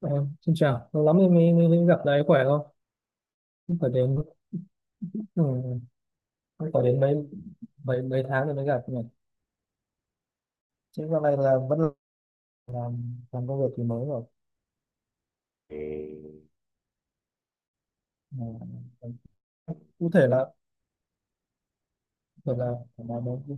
Ờ, xin chào, lâu lắm mới, mới, mới mới gặp đấy, khỏe không? Cũng phải đến ừ, cũng phải đến mấy mấy mấy tháng rồi mới gặp nhỉ. Chứ dạo này là vẫn làm công việc thì mới rồi. Ờ, cụ thể là gọi là là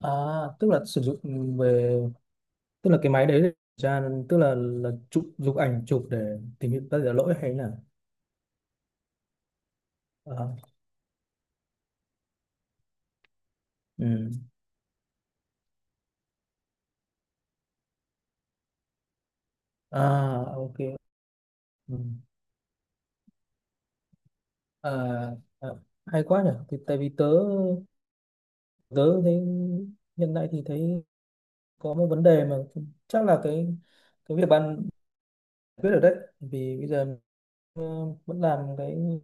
à tức là sử dụng về, tức là cái máy đấy để kiểm tra, tức là chụp chụp ảnh chụp để tìm hiểu các cái lỗi hay là à, ừ. À, ok. Ừ. À, à, hay quá nhỉ, thì tại vì tớ tớ thấy hiện tại thì thấy có một vấn đề mà chắc là cái việc bạn giải quyết được đấy. Vì bây giờ ờ, vẫn làm cái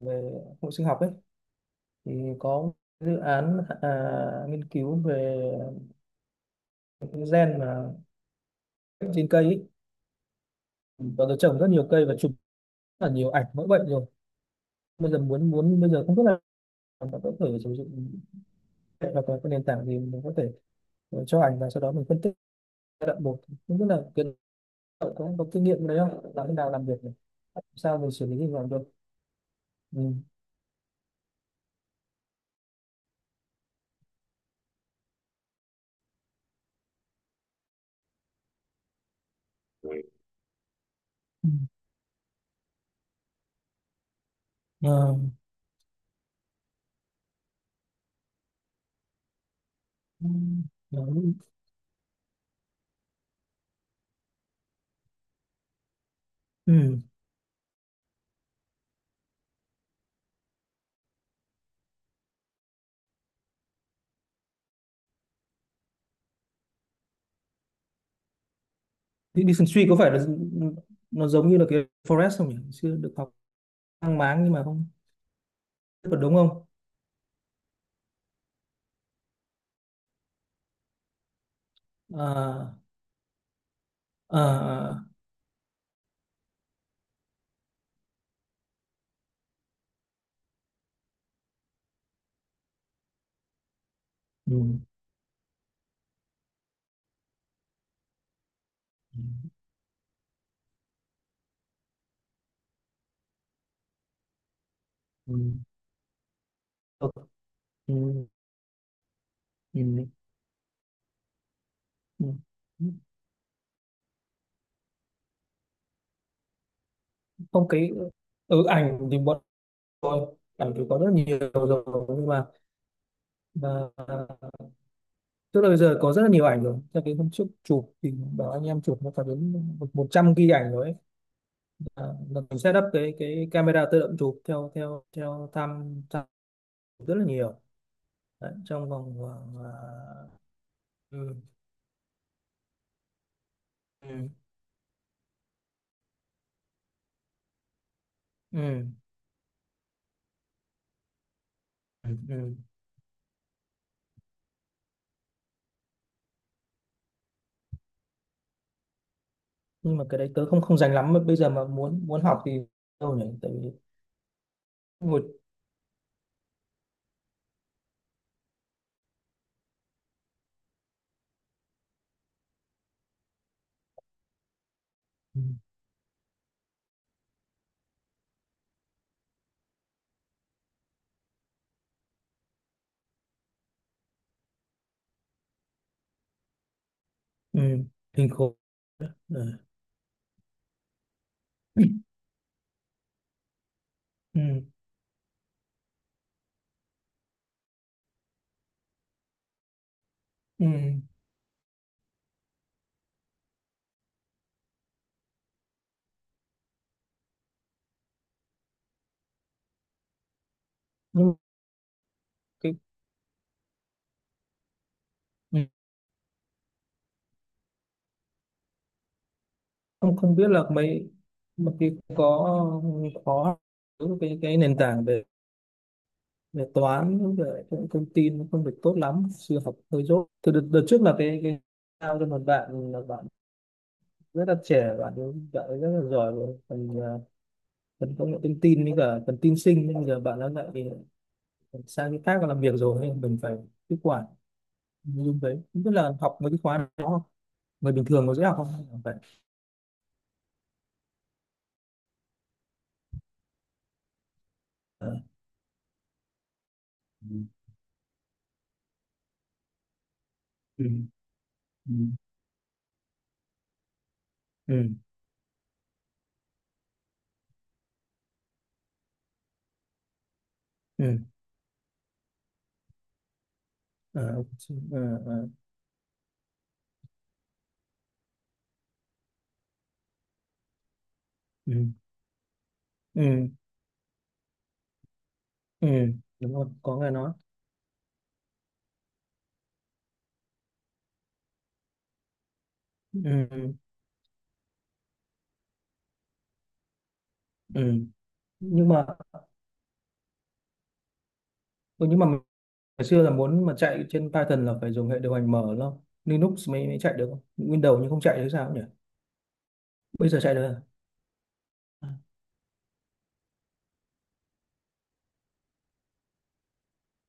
về hội sinh học ấy, thì có dự án à, nghiên cứu về cái gen mà trên cây ấy, và tôi trồng rất nhiều cây và chụp rất là nhiều ảnh mẫu bệnh rồi. Bây giờ muốn muốn bây giờ không biết là bạn có thể sử dụng hoặc là cái nền tảng gì mình có thể cho ảnh và sau đó mình phân tích giai đoạn một, không biết là kiến có có kinh nghiệm đấy không, làm thế nào làm việc này, sao mình xử lý như làm được. Ừ. Ừ. Ờ. Ừ. Ừ. Đi, đi Suy có phải là nó giống như là cái Forest không nhỉ? Chưa được học, mang máng nhưng mà không tức là đúng không? À, à, à. Ừ. Ừ. Ừ. Ừ. Ừ. Ừ. Không cái ảnh thì bọn tôi, ảnh thì có rất nhiều rồi nhưng mà tức là bây giờ có rất là nhiều ảnh rồi. Cho cái hôm trước chụp thì bảo anh em chụp nó phải đến 100 GB ảnh rồi ấy. À, mình setup cái camera tự động chụp theo theo theo tham tham rất là nhiều đấy, trong vòng khoảng à, ừ, ừ, ừ, ừ, ừ. Nhưng mà cái đấy tớ không không dành lắm, bây giờ mà muốn muốn học thì đâu nhỉ, tại vì một ừ, ừ, hình khối, ừ, ừ, ừ. Nhưng mà cái ừ, không không biết là mấy mà cái có khó, cái nền tảng về về toán cũng về cũng thông tin nó không được tốt lắm, sư học hơi dốt. Từ đợt trước là cái giao cho một bạn, là bạn rất là trẻ, bạn ấy rất là giỏi về phần à, phần công nghệ thông tin với cả phần tin sinh, nhưng bây giờ bạn ấy lại sang cái khác và làm việc rồi nên mình phải tiếp quản nội dung đấy. Không biết là học mấy cái khóa đó không? Người bình thường có dễ học không, hay là phải ờ, ừ, ừ, ừ, ừ, ờ, ờ, ờ, ừ, ừ, ừ, đúng rồi, có người nói ừ, ừ, ừ, nhưng mà ừ, nhưng mà mình- ngày xưa là muốn mà chạy trên Python là phải dùng hệ điều hành mở lắm, Linux mới, mới chạy được không? Windows nhưng không chạy thì sao nhỉ? Bây giờ chạy được à? À,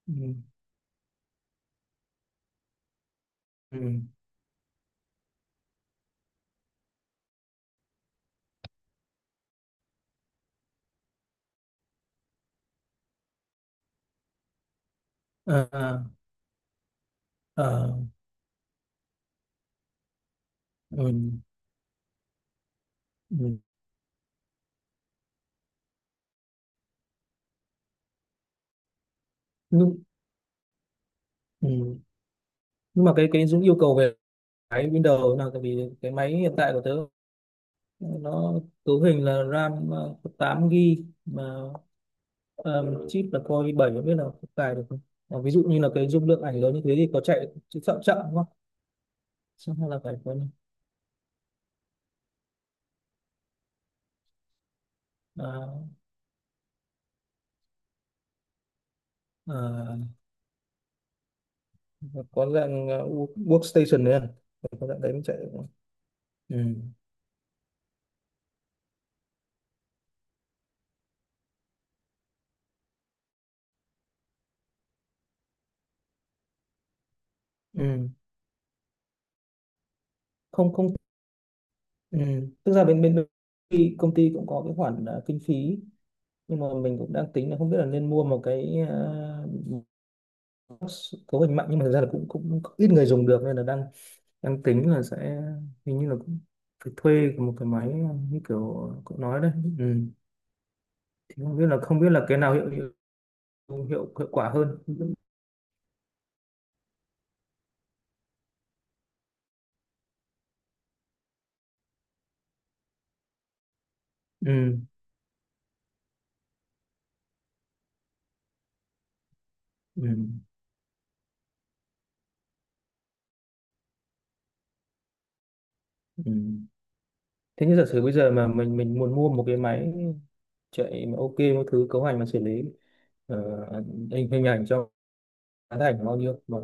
ừ. Ừ. À, à, à, ừ. Ừ. Nhưng, ừ. Nhưng mà cái Dũng yêu cầu về cái Windows là tại vì cái máy hiện tại của tớ, nó cấu hình là RAM 8 GB mà ờ, chip là Core i7, không biết là có cài được không. Ờ, ví dụ như là cái dung lượng ảnh lớn như thế thì có chạy chậm chậm đúng không? Xong hay là phải có ờ, ờ, có dạng ờ, workstation đấy à, có dạng đấy mới chạy được. Ừ. Ừ. Không không, ừ. Tức ra bên bên bên công ty cũng có cái khoản kinh phí, nhưng mà mình cũng đang tính là không biết là nên mua một cái box cấu hình mạnh, nhưng mà thực ra là cũng cũng ít người dùng được nên là đang đang tính là sẽ, hình như là cũng phải thuê một cái máy như kiểu cậu nói đấy. Ừ. Thì không biết là không biết là cái nào hiệu quả hơn. Ừ. Ừ. Ừ. Thế nhưng giả sử bây giờ mà mình muốn mua một cái máy chạy mà ok, một thứ cấu hành mà xử lý ờ, hình hình ảnh cho tán thành bao nhiêu mà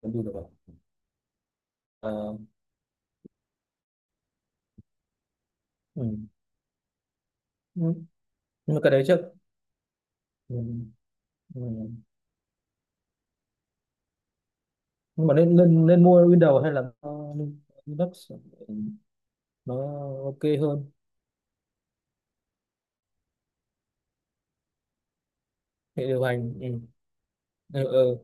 cũng đủ được. Ờ, ừ. Ừ. Nhưng mà cái đấy chắc ừ. Ừ. Nhưng mà nên nên nên mua Windows hay là mua Linux. Ừ. Nó ok hơn hệ điều hành, ừ. Ừ. Ừ.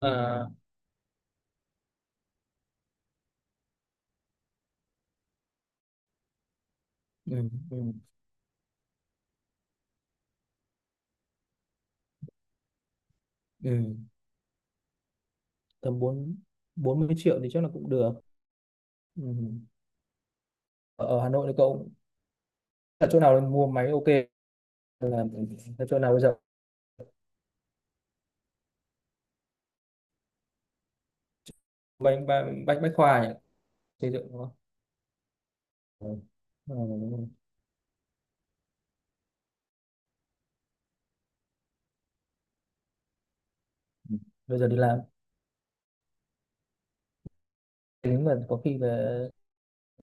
À, ừ. Ừ. Ừ. Tầm bốn 40 triệu thì chắc là cũng được. Ừ. Ở ở Hà Nội thì cậu ở chỗ nào mua máy ok, là là chỗ nào bây giờ? Bách bách bách khoa nhỉ, xây dựng nó. Ờ, ờ, bây giờ đi làm, tính là có khi về,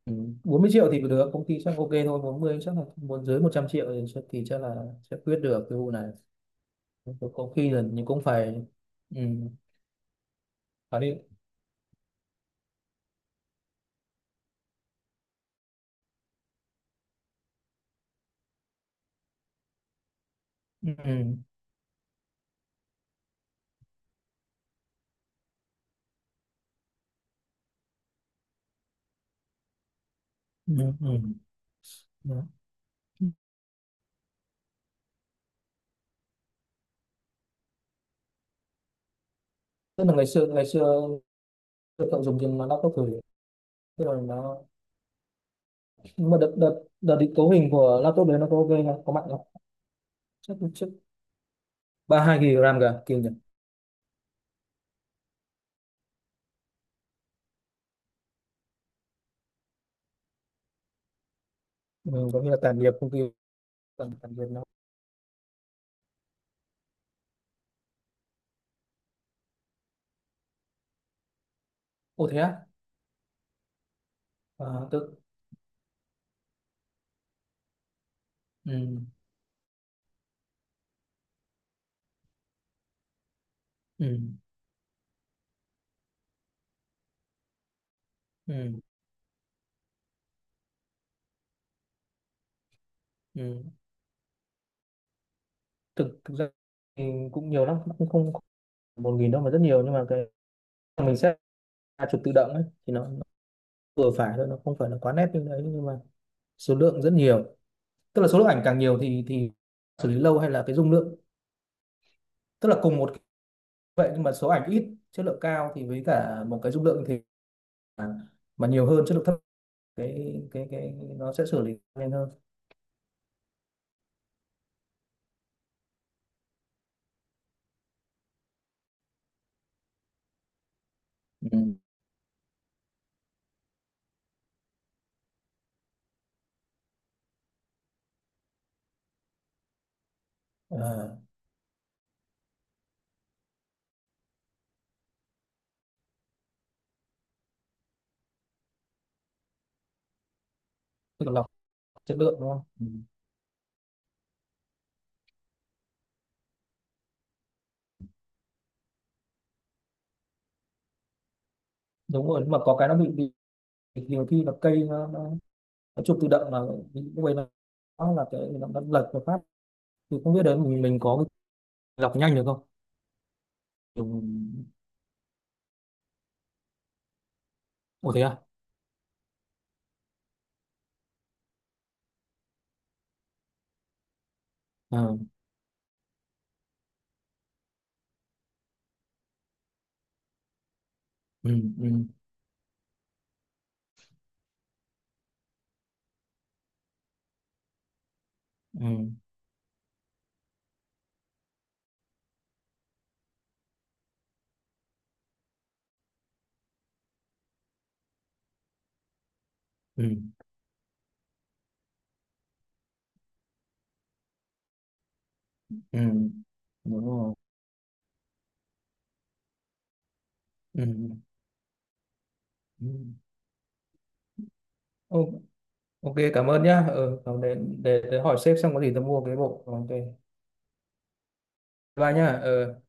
ừ, 40 triệu thì được, công ty chắc ok thôi, 40 chắc là muốn dưới 100 triệu thì chắc là sẽ quyết được cái vụ này. Có khi là nhưng cũng phải ừ, phải đi ừ, ừ, ừ, ừ. Đó. Tức là ngày xưa tôi cậu dùng trên laptop thử, tức là nó, nhưng mà đợt đợt đợt định cấu hình của laptop đấy nó có ok không, có mạnh không? Chắc chắc 32 GB RAM cả kinh nhỉ. Ừ, có nghĩa là tản nhiệt công ty, tản tản nhiệt nó. Ô thế á, à, tôi ừ, ừ, ừ, ừ, thực thực ra thì cũng nhiều lắm, cũng không không phải 1.000 đâu mà rất nhiều, nhưng mà cái mình sẽ là chụp tự động ấy thì nó vừa phải thôi, nó không phải là quá nét như đấy, nhưng mà số lượng rất nhiều. Tức là số lượng ảnh càng nhiều thì xử lý lâu hay là cái dung lượng, tức là cùng một cái vậy, nhưng mà số ảnh ít chất lượng cao thì với cả một cái dung lượng thì mà, mà nhiều hơn chất lượng thấp, cái nó sẽ xử lý nhanh hơn. Ừ. Ờ, tức là lọc chất lượng đúng không, ừ. Đúng rồi, nhưng mà có cái nó bị bị nhiều khi là cây nó chụp tự động mà, lúc ấy nó là cái nó lật một phát, thì không biết đấy mình có cái đọc nhanh được không. Ủa thế à? Ờ, ừ, ừ, ừ, ừ, ừ, đúng rồi, ừ, ừ. Ô- ok, cảm ơn nhá, ờ, ừ, để hỏi sếp xem, có gì tớ mua cái bộ ok. Bye nhá, ờ.